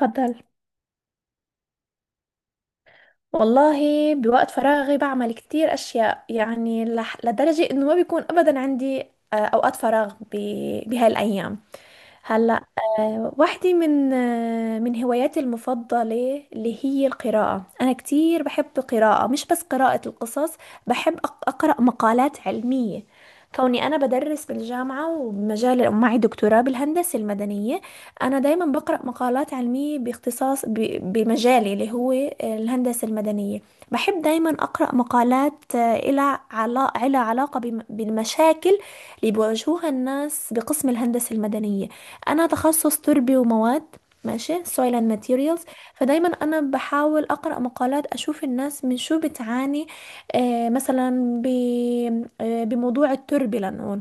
اتفضل. والله، بوقت فراغي بعمل كتير أشياء. يعني لدرجة إنه ما بيكون أبدا عندي أوقات فراغ بهاي الأيام. هلا. واحدة من هواياتي المفضلة اللي هي القراءة. أنا كتير بحب القراءة، مش بس قراءة القصص. بحب أقرأ مقالات علمية، كوني أنا بدرس بالجامعة ومجال ومعي دكتوراه بالهندسة المدنية. أنا دايما بقرأ مقالات علمية باختصاص بمجالي اللي هو الهندسة المدنية. بحب دايما أقرأ مقالات إلها علاقة بالمشاكل اللي بيواجهوها الناس بقسم الهندسة المدنية. انا تخصص تربي ومواد، ماشي soil and materials. فدايما انا بحاول اقرا مقالات اشوف الناس من شو بتعاني. مثلا بموضوع التربه لنقول.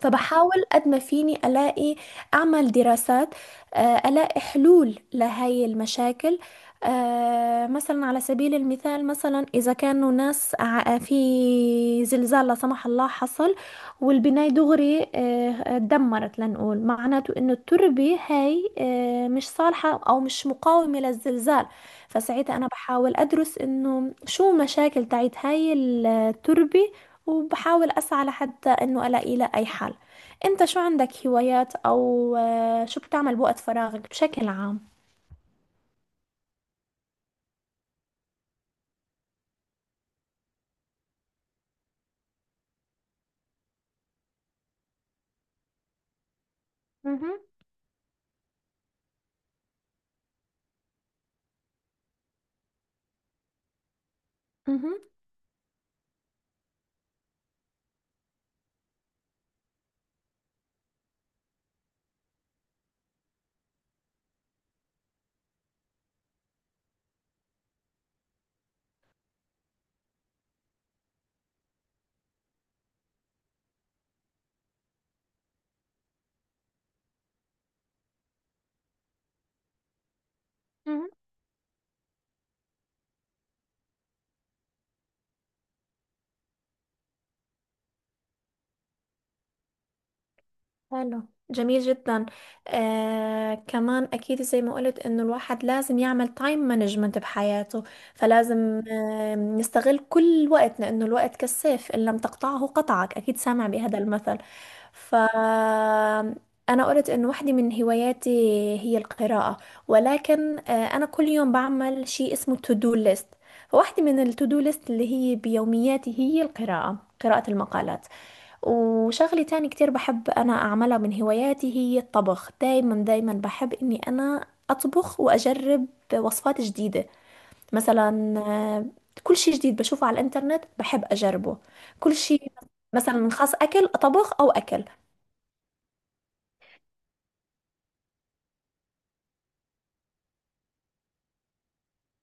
فبحاول قد ما فيني ألاقي، أعمل دراسات، ألاقي حلول لهاي المشاكل. مثلا على سبيل المثال، مثلا إذا كانوا ناس في زلزال لا سمح الله حصل والبناية دغري اتدمرت، لنقول معناته إنه التربة هاي مش صالحة أو مش مقاومة للزلزال. فساعتها أنا بحاول أدرس إنه شو مشاكل تاعت هاي التربة، وبحاول أسعى لحتى إنه ألاقي له أي حل. أنت شو عندك هوايات، أو شو بتعمل بوقت فراغك بشكل عام؟ مهم. مهم. حلو. جميل جدا. كمان اكيد زي ما قلت انه الواحد لازم يعمل تايم مانجمنت بحياته، فلازم نستغل كل وقت، لانه الوقت كالسيف ان لم تقطعه قطعك. اكيد سامع بهذا المثل. ف انا قلت انه واحدة من هواياتي هي القراءة. ولكن انا كل يوم بعمل شيء اسمه تو دو ليست. فواحدة من التو دو ليست اللي هي بيومياتي هي القراءة، قراءة المقالات. وشغلة تاني كتير بحب أنا أعملها من هواياتي هي الطبخ. دايما دايما بحب إني أنا أطبخ وأجرب وصفات جديدة. مثلا كل شي جديد بشوفه على الإنترنت بحب أجربه. كل شي مثلا، خاص أكل، أطبخ أو أكل.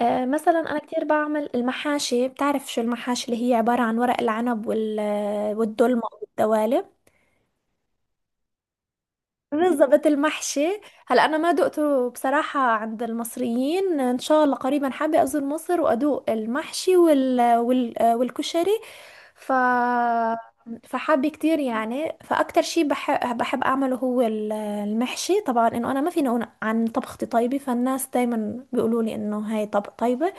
مثلا أنا كتير بعمل المحاشي. بتعرف شو المحاشي؟ اللي هي عبارة عن ورق العنب والدلمة والدوالب. بالظبط، المحشي. هلا انا ما دقته بصراحه عند المصريين. ان شاء الله قريبا حابه ازور مصر وادوق المحشي والكشري. ف فحابه كتير يعني. فاكتر شيء بحب اعمله هو المحشي طبعا. انه انا ما فيني اقول عن طبختي طيبه، فالناس دايما بيقولوا لي انه هاي طب طيبه.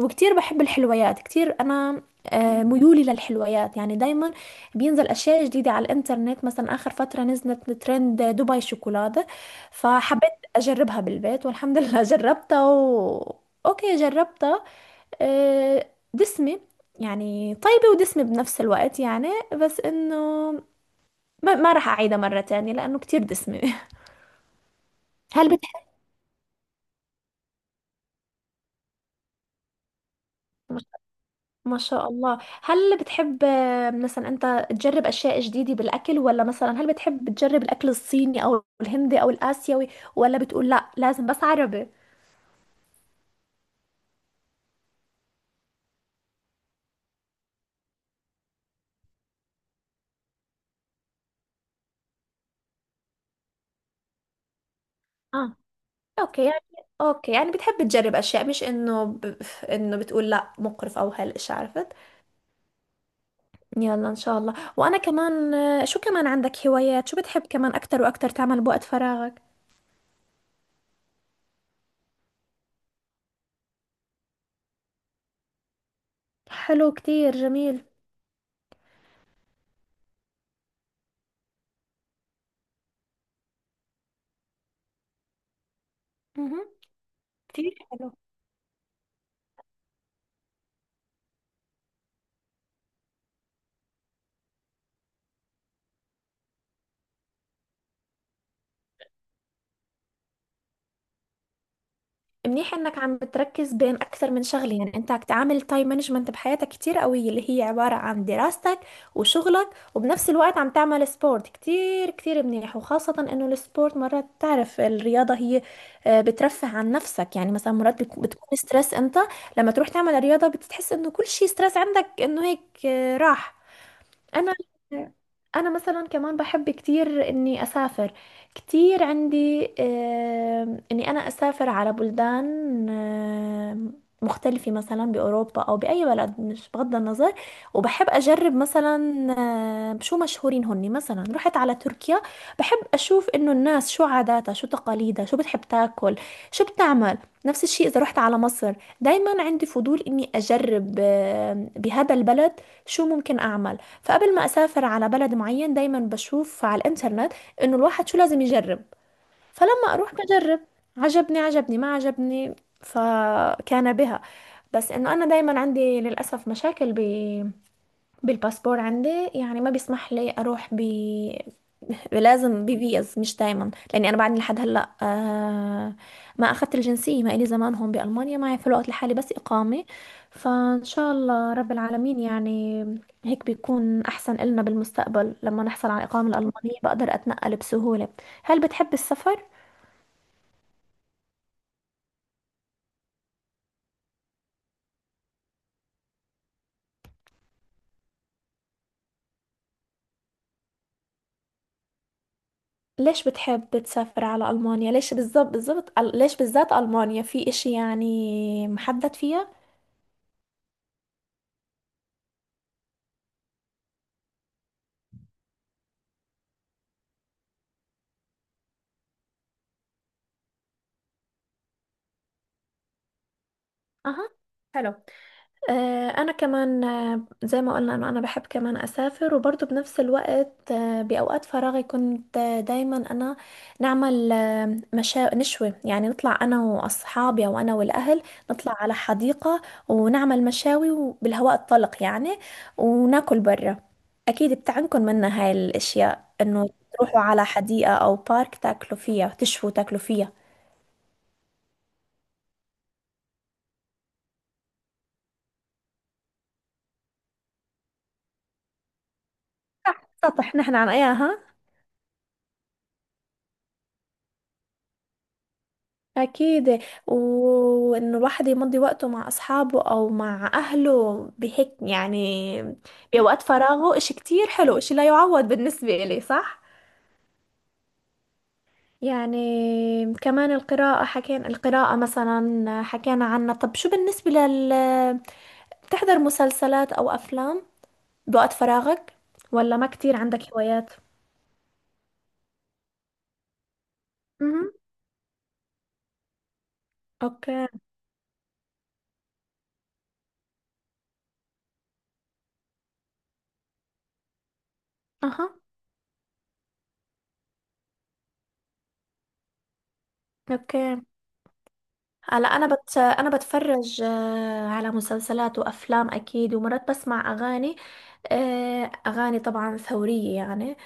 وكتير بحب الحلويات كتير انا، ميولي للحلويات يعني. دايما بينزل اشياء جديدة على الانترنت. مثلا اخر فترة نزلت ترند دبي شوكولاتة، فحبيت اجربها بالبيت والحمد لله جربتها اوكي جربتها. دسمة، يعني طيبة ودسمة بنفس الوقت يعني. بس انه ما راح اعيدها مرة تانية، لانه كتير دسمة هل بتحب ما شاء الله. هل بتحب مثلا انت تجرب اشياء جديدة بالاكل؟ ولا مثلا هل بتحب تجرب الاكل الصيني او الهندي او الاسيوي؟ ولا بتقول لا لازم بس عربي؟ اه. اوكي يعني، اوكي يعني بتحب تجرب اشياء، مش انه انه بتقول لا مقرف او هالاشي، عرفت. يلا ان شاء الله. وانا كمان، شو كمان عندك هوايات؟ شو بتحب كمان اكتر واكتر تعمل بوقت فراغك؟ حلو كتير جميل. مهم. كتير حلو. منيح انك عم بتركز بين اكثر من شغله. يعني انت عم تعمل تايم مانجمنت بحياتك كتير قويه، اللي هي عباره عن دراستك وشغلك، وبنفس الوقت عم تعمل سبورت كتير. كتير منيح وخاصه انه السبورت مرات، تعرف الرياضه هي بترفه عن نفسك. يعني مثلا مرات بتكون ستريس انت، لما تروح تعمل رياضه بتحس انه كل شيء ستريس عندك انه هيك راح. انا انا مثلا كمان بحب كتير اني اسافر. كتير عندي، اني انا اسافر على بلدان مختلفة، مثلا بأوروبا أو بأي بلد، مش بغض النظر. وبحب أجرب مثلا شو مشهورين هني. مثلا رحت على تركيا، بحب أشوف إنه الناس شو عاداتها، شو تقاليدها، شو بتحب تاكل، شو بتعمل. نفس الشيء إذا رحت على مصر. دايما عندي فضول إني أجرب بهذا البلد شو ممكن أعمل. فقبل ما اسافر على بلد معين دايما بشوف على الانترنت انه الواحد شو لازم يجرب. فلما اروح بجرب. عجبني عجبني، ما عجبني، فكان بها. بس انه انا دايما عندي للاسف مشاكل بالباسبور عندي. يعني ما بيسمح لي اروح لازم بفيز مش دايما، لاني انا بعدني لحد هلا ما اخذت الجنسيه. ما الي زمان هون بالمانيا، معي في الوقت لحالي بس اقامه. فان شاء الله رب العالمين يعني هيك بيكون احسن إلنا بالمستقبل، لما نحصل على الاقامه الالمانيه بقدر اتنقل بسهوله. هل بتحب السفر؟ ليش بتحب تسافر على المانيا؟ ليش بالضبط، بالضبط ليش بالذات المانيا؟ في اشي يعني محدد فيها؟ اها. حلو. انا كمان، زي ما قلنا، انا بحب كمان اسافر. وبرضه بنفس الوقت باوقات فراغي كنت دايما انا نعمل مشا نشوي يعني، نطلع انا واصحابي او انا والاهل، نطلع على حديقة ونعمل مشاوي وبالهواء الطلق يعني، وناكل برا. اكيد بتعنكم منا هاي الاشياء، انه تروحوا على حديقة او بارك تاكلوا فيها، تشووا تاكلوا فيها. صح، سطح نحن عن اياها. أكيد. وإن الواحد يمضي وقته مع أصحابه أو مع أهله بهيك، يعني بوقت فراغه إشي كتير حلو، إشي لا يعوض بالنسبة إلي، صح؟ يعني كمان القراءة، حكينا القراءة مثلا، حكينا عنها. طب شو بالنسبة لل، بتحضر مسلسلات أو أفلام بوقت فراغك؟ ولا ما كتير عندك هوايات؟ امم. أوكي. أها. أوكي. هلا انا بتفرج على مسلسلات وافلام اكيد، ومرات بسمع اغاني. اغاني طبعا ثورية يعني.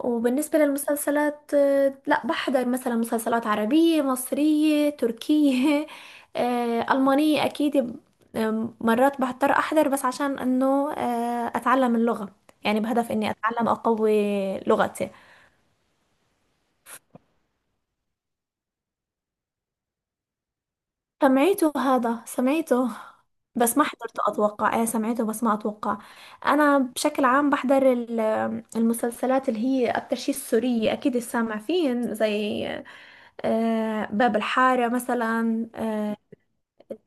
وبالنسبة للمسلسلات لا، بحضر مثلا مسلسلات عربية مصرية تركية ألمانية أكيد مرات بضطر أحضر بس عشان إنه أتعلم اللغة، يعني بهدف إني أتعلم أقوي لغتي. سمعته، هذا سمعته بس ما حضرته. أتوقع، إيه سمعته بس ما أتوقع. أنا بشكل عام بحضر المسلسلات اللي هي أكتر شيء السورية. أكيد سامع فين، زي باب الحارة مثلا،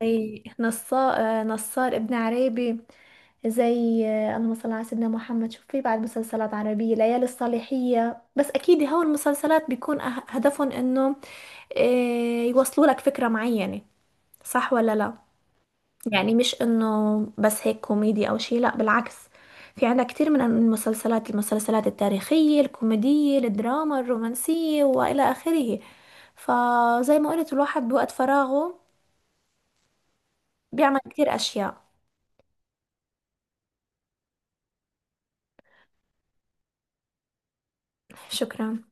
زي نصار ابن عريبي، زي اللهم صل على سيدنا محمد. شوف في بعد مسلسلات عربية، ليالي الصالحية. بس أكيد هو المسلسلات بيكون هدفهم إنه يوصلوا لك فكرة معينة، صح ولا لا؟ يعني مش انه بس هيك كوميدي او شيء، لا بالعكس. في عندنا كتير من المسلسلات، المسلسلات التاريخية، الكوميدية، الدراما، الرومانسية، والى اخره. فزي ما قلت الواحد بوقت فراغه بيعمل كتير اشياء. شكرا.